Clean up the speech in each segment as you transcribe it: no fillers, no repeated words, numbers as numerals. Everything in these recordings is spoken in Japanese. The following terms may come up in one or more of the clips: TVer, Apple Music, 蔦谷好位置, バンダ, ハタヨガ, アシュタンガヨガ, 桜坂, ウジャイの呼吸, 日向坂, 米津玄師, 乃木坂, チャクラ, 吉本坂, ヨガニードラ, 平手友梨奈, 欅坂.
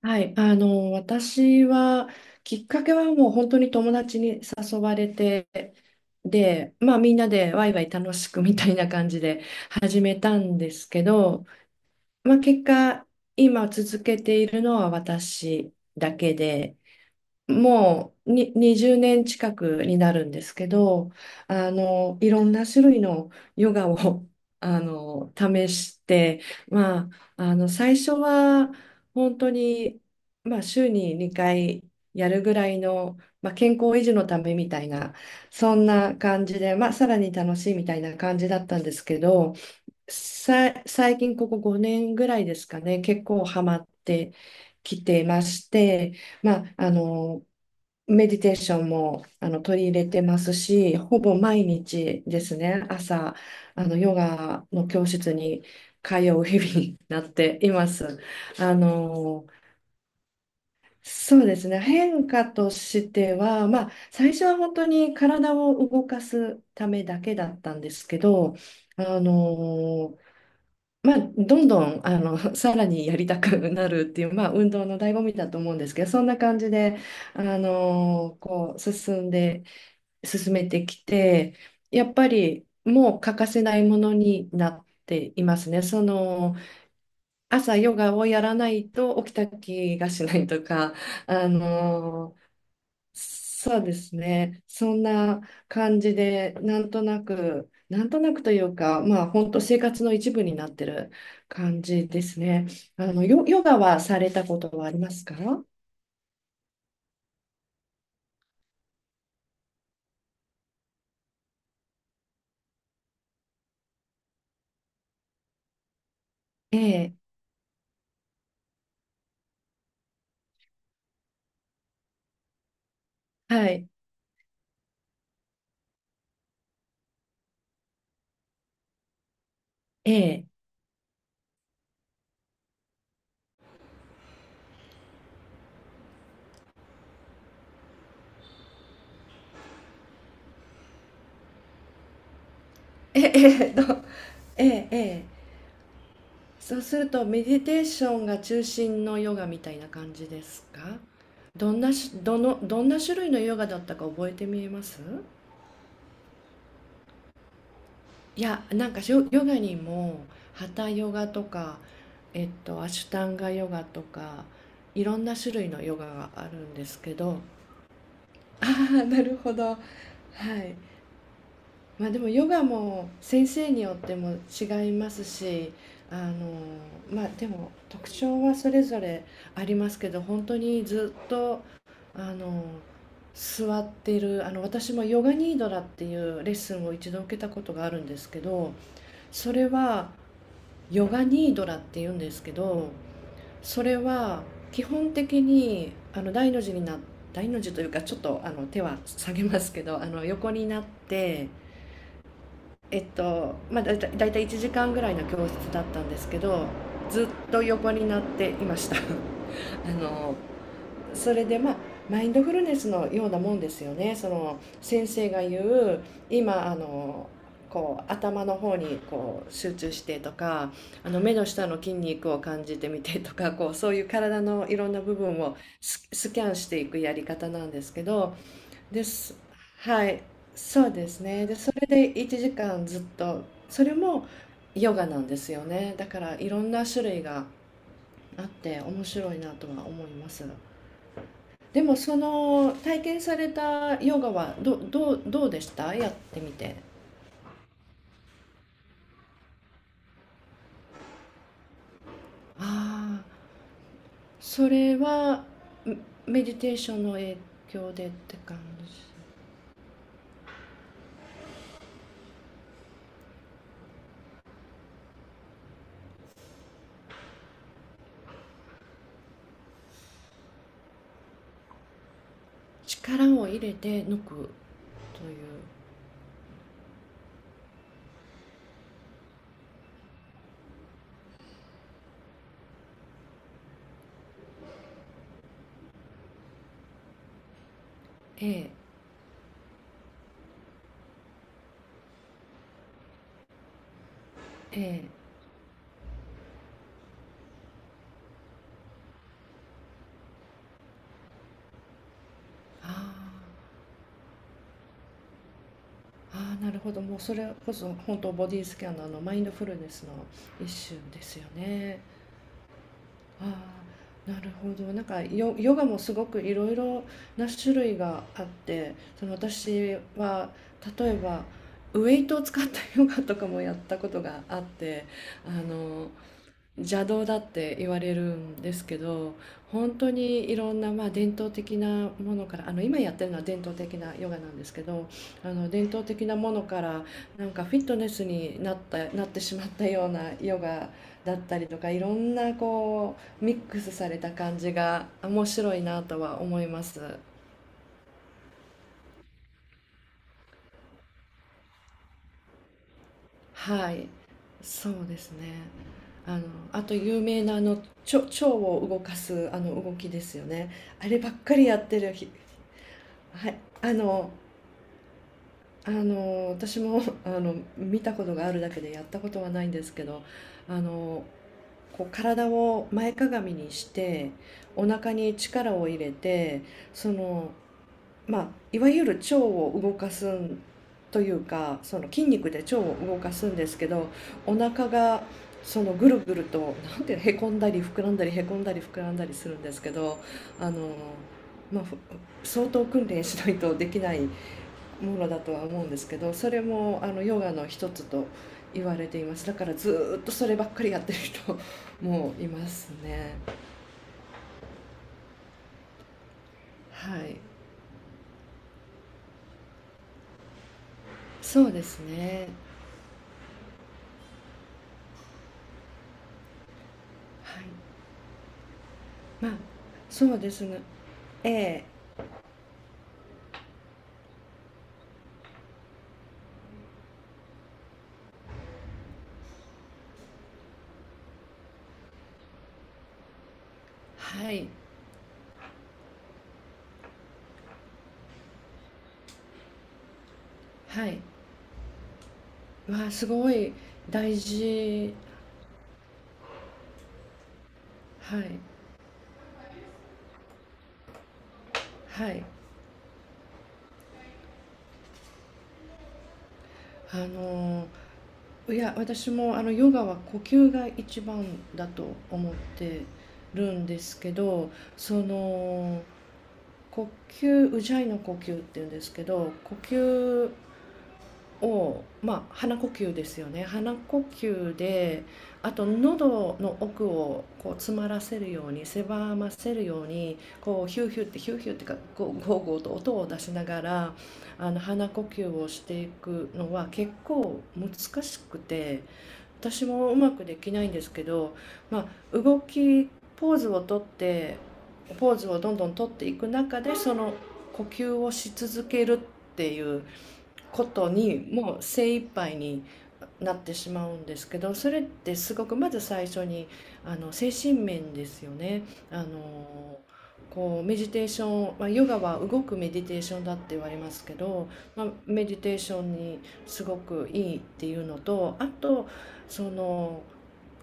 はい、私は、きっかけはもう本当に友達に誘われて、で、まあみんなでワイワイ楽しくみたいな感じで始めたんですけど、まあ結果、今続けているのは私だけで、もう20年近くになるんですけど、いろんな種類のヨガを 試して、まあ、最初は本当に、まあ、週に2回やるぐらいの、まあ、健康維持のためみたいな、そんな感じで、まあ、さらに楽しいみたいな感じだったんですけど、最近ここ5年ぐらいですかね、結構ハマってきてまして、まあ、メディテーションも取り入れてますし、ほぼ毎日ですね、朝、あのヨガの教室に通う日々になっています。あの、そうですね、変化としては、まあ、最初は本当に体を動かすためだけだったんですけど、あのまあ、どんどんさらにやりたくなるっていう、まあ、運動の醍醐味だと思うんですけど、そんな感じで、こう進んで進めてきて、やっぱりもう欠かせないものになっていますね。その朝ヨガをやらないと起きた気がしないとか、あのそうですね。そんな感じで、なんとなくというか、まあ、本当生活の一部になってる感じですね。ヨガはされたことはありますか？ええ、はい、ええ、ええ、えと、ええ、ええ。そうすると、メディテーションが中心のヨガみたいな感じですか？どんな種類のヨガだったか覚えてみえます？いや、なんかヨガにも、ハタヨガとか、アシュタンガヨガとか、いろんな種類のヨガがあるんですけど、ああ、なるほど。はい。まあでもヨガも先生によっても違いますし、あの、まあでも特徴はそれぞれありますけど、本当にずっと、あの、座っている私もヨガニードラっていうレッスンを一度受けたことがあるんですけど、それはヨガニードラって言うんですけど、それは基本的に大の字というか、ちょっとあの手は下げますけど、あの横になって、まあだいたい1時間ぐらいの教室だったんですけど、ずっと横になっていました あのそれでまあマインドフルネスのようなもんですよね、その先生が言う今こう頭の方にこう集中してとか、目の下の筋肉を感じてみてとか、こうそういう体のいろんな部分をスキャンしていくやり方なんですけど、です、はい、そうですね。でそれで1時間ずっと、それもヨガなんですよね、だからいろんな種類があって面白いなとは思います。でもその体験されたヨガはどうでしたやってみて？ああ、それはメメディテーションの影響でって感じ。力を入れて抜くという。ええ、ええ。ああ、ああ、なるほど。もうそれこそ本当ボディスキャナーのマインドフルネスの一種ですよね。ああ、なるほど。なんかヨガもすごくいろいろな種類があって、その私は例えばウェイトを使ったヨガとかもやったことがあって、あの邪道だって言われるんですけど、本当にいろんな、まあ、伝統的なものから、あの今やってるのは伝統的なヨガなんですけど、あの伝統的なものからなんかフィットネスになったなってしまったようなヨガだったりとか、いろんなこうミックスされた感じが面白いなとは思います。はい、そうですね。あの、あと有名な腸を動かすあの動きですよね。あればっかりやってるひ、はい、私も 見たことがあるだけでやったことはないんですけど、あの、こう体を前かがみにして、お腹に力を入れて、その、まあ、いわゆる腸を動かすんというか、その筋肉で腸を動かすんですけど、お腹がそのぐるぐると、なんていうの、へこんだり膨らんだりへこんだり膨らんだりするんですけど、あの、まあ、相当訓練しないとできないものだとは思うんですけど、それもあのヨガの一つと言われています。だからずーっとそればっかりやってる人もいますね。はい、そうですね。はい、まあ、そうですね。えー、はい、はい、すごい大事、はい、はい、あのーいや、私もあのヨガは呼吸が一番だと思ってるんですけど、その呼吸、ウジャイの呼吸っていうんですけど、呼吸を、まあ、鼻呼吸ですよね、鼻呼吸で、あと喉の奥をこう詰まらせるように、狭ませるように、こうヒューヒューってヒューヒューってか、こうゴーゴーと音を出しながら、鼻呼吸をしていくのは結構難しくて、私もうまくできないんですけど、まあ、ポーズをとって、ポーズをどんどんとっていく中でその呼吸をし続けるっていうことにもう精一杯になってしまうんですけど、それってすごく、まず最初に精神面ですよね。あのこうメディテーション、まあ、ヨガは動くメディテーションだって言われますけど、まあ、メディテーションにすごくいいっていうのと、あとその、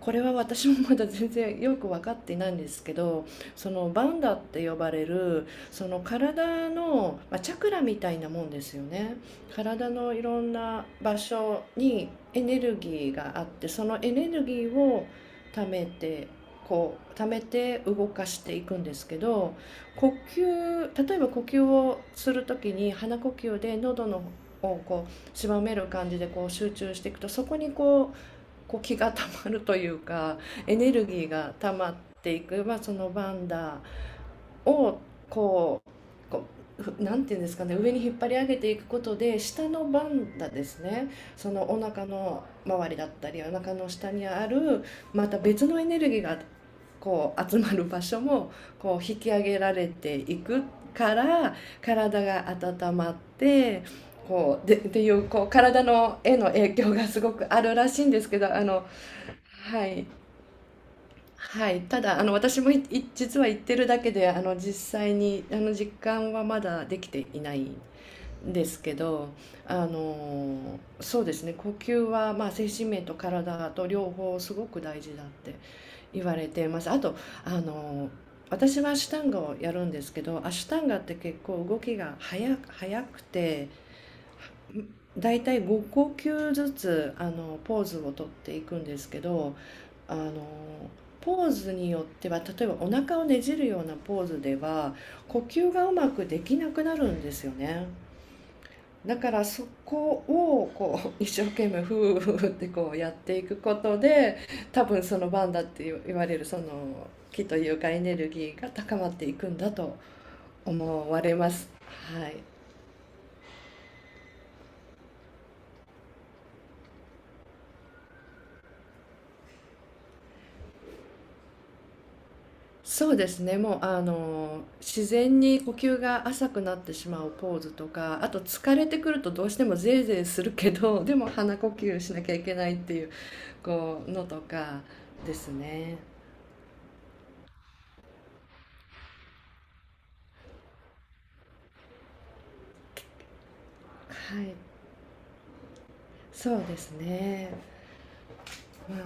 これは私もまだ全然よく分かっていないんですけど、そのバンダって呼ばれるその体の、まあ、チャクラみたいなもんですよね、体のいろんな場所にエネルギーがあって、そのエネルギーを貯めてこう貯めて動かしていくんですけど、呼吸、例えば呼吸をする時に鼻呼吸で喉のこう狭める感じでこう集中していくと、そこにこう気がたまるというか、エネルギーがたまっていく、まあ、そのバンダーをこうなんていうんですかね、上に引っ張り上げていくことで下のバンダーですね、そのお腹の周りだったりお腹の下にあるまた別のエネルギーがこう集まる場所もこう引き上げられていくから体が温まって、こうでっていうこう体のへの影響がすごくあるらしいんですけど、はい。はい。ただ、私も実は行ってるだけで、実際に、実感はまだできていないんですけど、そうですね、呼吸は、まあ、精神面と体と両方すごく大事だって言われています。あと、あの、私はアシュタンガをやるんですけど、アシュタンガって結構動きが速くて、だいたい5呼吸ずつあのポーズをとっていくんですけど、あのポーズによっては例えばお腹をねじるようなポーズでは呼吸がうまくできなくなるんですよね。だからそこをこう 一生懸命ふーふーってこうやっていくことで、多分そのバンダって言われるその気というか、エネルギーが高まっていくんだと思われます。はい、そうですね、もうあの自然に呼吸が浅くなってしまうポーズとか、あと疲れてくるとどうしてもゼーゼーするけど、でも鼻呼吸しなきゃいけないっていう、こうのとかですね。はい、そうですね。